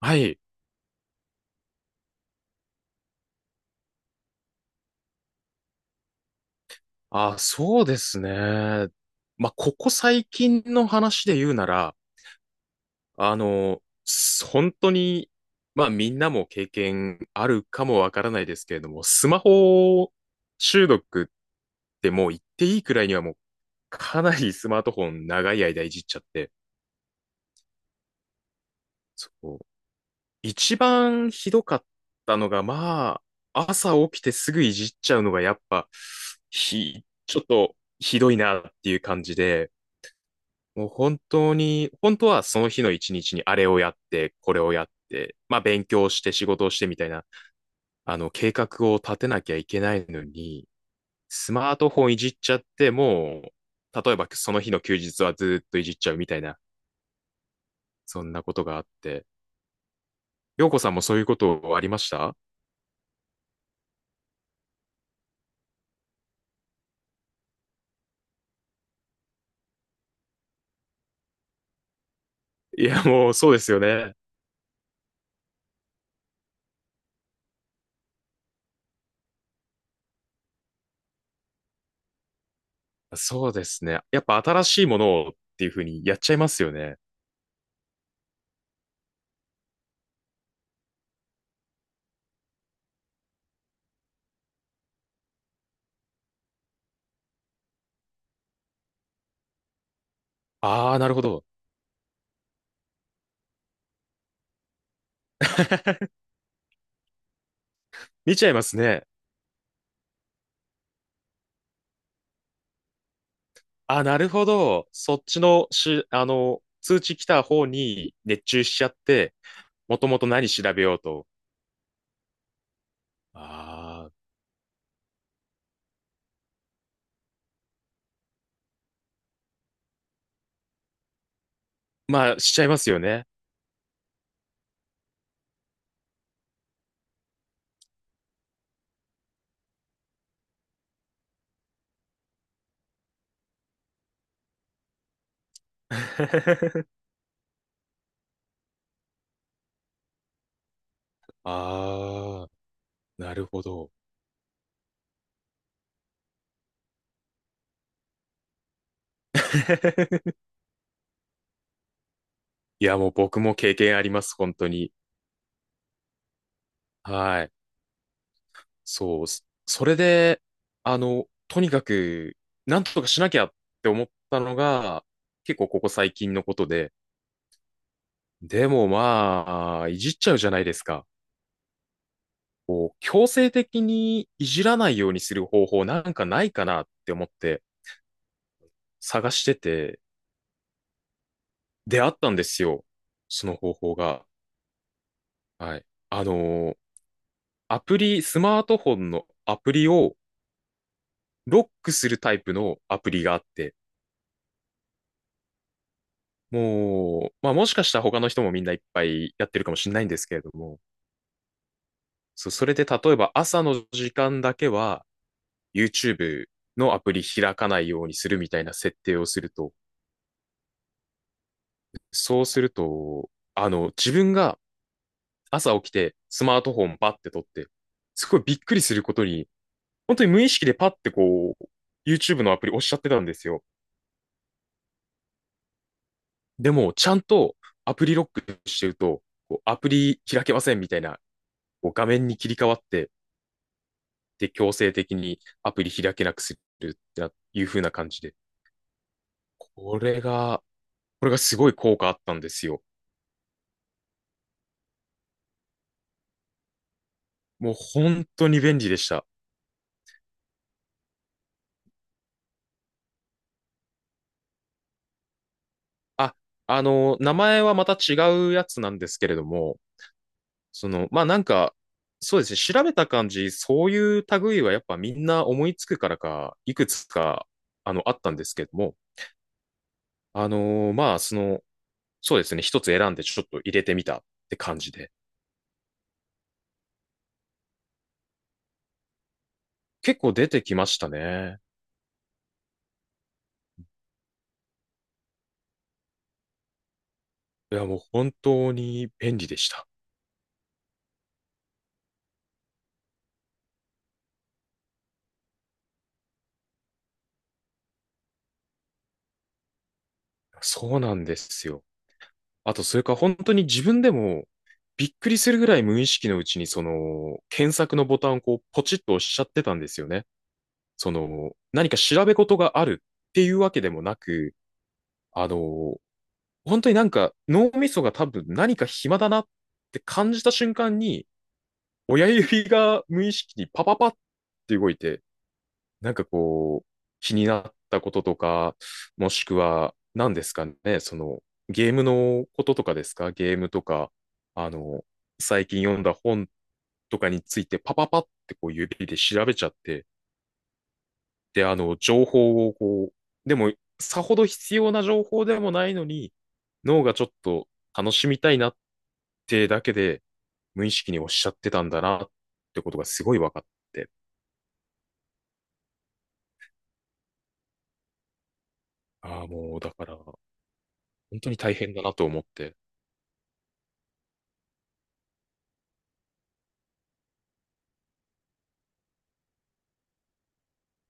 はい。そうですね。まあ、ここ最近の話で言うなら、本当に、まあ、みんなも経験あるかもわからないですけれども、スマホ中毒ってもう言っていいくらいにはもうかなり スマートフォン長い間いじっちゃって、そう。一番ひどかったのが、まあ、朝起きてすぐいじっちゃうのがやっぱ、ちょっとひどいなっていう感じで、もう本当に、本当はその日の一日にあれをやって、これをやって、まあ勉強して仕事をしてみたいな、あの計画を立てなきゃいけないのに、スマートフォンいじっちゃって例えばその日の休日はずーっといじっちゃうみたいな、そんなことがあって。陽子さんもそういうことありました？いや、もうそうですよね。そうですね。やっぱ新しいものをっていうふうにやっちゃいますよね。ああ、なるほど。見ちゃいますね。あ、なるほど。そっちのし、あの、通知来た方に熱中しちゃって、もともと何調べようと。ああ、まあ、しちゃいますよね。ああ、なるほど。いや、もう僕も経験あります、本当に。はい。そう。それで、あの、とにかく、なんとかしなきゃって思ったのが、結構ここ最近のことで。でもまあ、いじっちゃうじゃないですか。こう、強制的にいじらないようにする方法なんかないかなって思って探してて、出会ったんですよ。その方法が。はい。アプリ、スマートフォンのアプリをロックするタイプのアプリがあって、もう、まあもしかしたら他の人もみんないっぱいやってるかもしれないんですけれども、そう、それで例えば朝の時間だけは YouTube のアプリ開かないようにするみたいな設定をすると、そうすると、あの、自分が朝起きてスマートフォンパッて取って、すごいびっくりすることに、本当に無意識でパッてこう、YouTube のアプリ押しちゃってたんですよ。でも、ちゃんとアプリロックしてると、こうアプリ開けませんみたいな、こう画面に切り替わって、で、強制的にアプリ開けなくするってないう風な感じで。これが、これがすごい効果あったんですよ。もう本当に便利でした。あ、あの、名前はまた違うやつなんですけれども、その、まあなんか、そうですね、調べた感じ、そういう類はやっぱみんな思いつくからか、いくつか、あの、あったんですけども、まあ、その、そうですね、一つ選んでちょっと入れてみたって感じで、結構出てきましたね。いや、もう本当に便利でした。そうなんですよ。あと、それか本当に自分でもびっくりするぐらい無意識のうちにその検索のボタンをこうポチッと押しちゃってたんですよね。その何か調べ事があるっていうわけでもなく、あの、本当になんか脳みそが多分何か暇だなって感じた瞬間に親指が無意識にパパパって動いて、なんかこう、気になったこととか、もしくは、何ですかね、その、ゲームのこととかですか？ゲームとか、あの、最近読んだ本とかについて、パパパってこう指で調べちゃって、で、あの、情報をこう、でも、さほど必要な情報でもないのに、脳がちょっと楽しみたいなってだけで、無意識におっしゃってたんだなってことがすごい分かって、ああ、もう、だから、本当に大変だなと思って、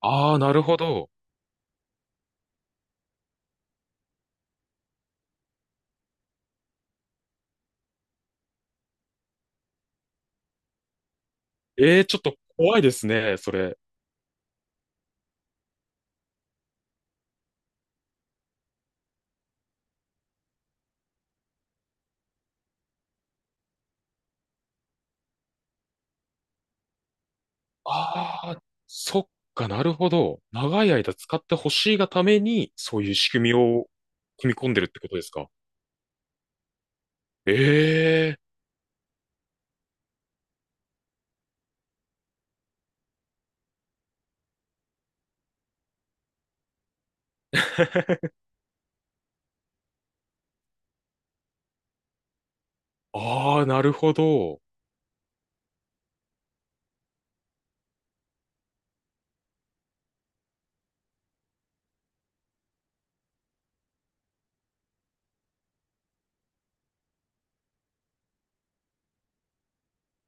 ああ、なるほど。ええ、ちょっと怖いですね、それ。ああ、そっか、なるほど。長い間使ってほしいがために、そういう仕組みを組み込んでるってことですか？ええ、ああ、なるほど。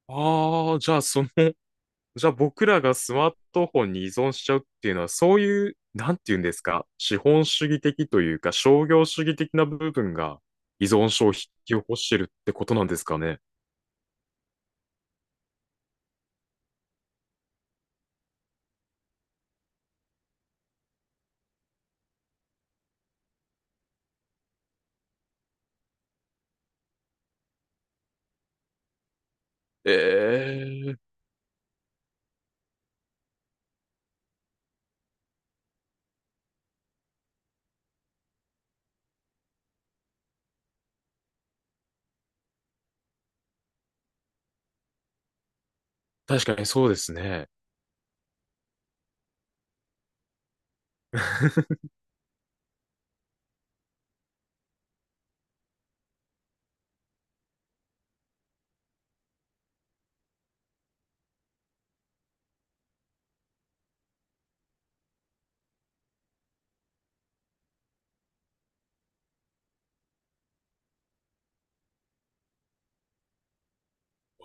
ああ、じゃあ、その、じゃあ僕らがスマートフォンに依存しちゃうっていうのは、そういう、なんて言うんですか、資本主義的というか、商業主義的な部分が依存症を引き起こしてるってことなんですかね？ええ、確かにそうですね。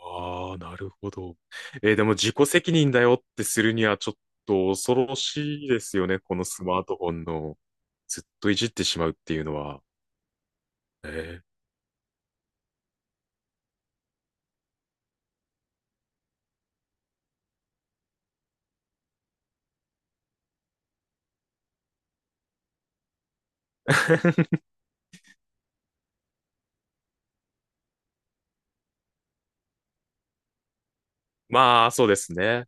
ああ、なるほど。えーでも自己責任だよってするにはちょっと恐ろしいですよね。このスマートフォンのずっといじってしまうっていうのは。えー まあ、そうですね。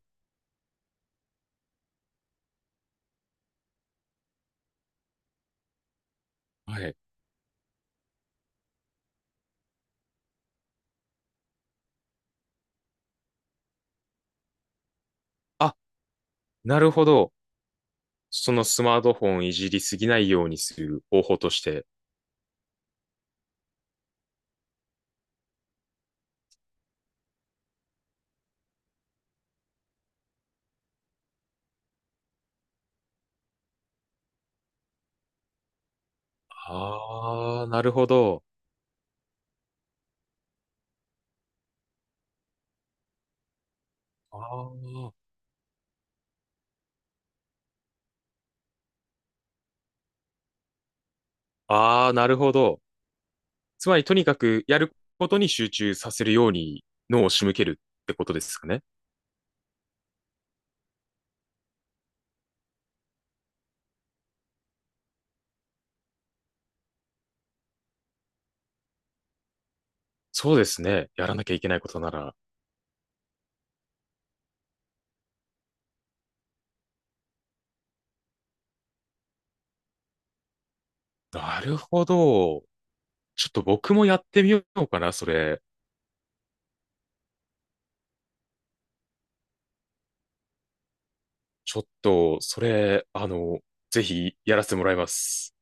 はい。あ、なるほど。そのスマートフォンいじりすぎないようにする方法として。ああ、なるほど。あーなるほど。つまり、とにかくやることに集中させるように脳を仕向けるってことですかね？そうですね。やらなきゃいけないことなら。なるほど。ちょっと僕もやってみようかな、それ。ちょっと、それ、あの、ぜひやらせてもらいます。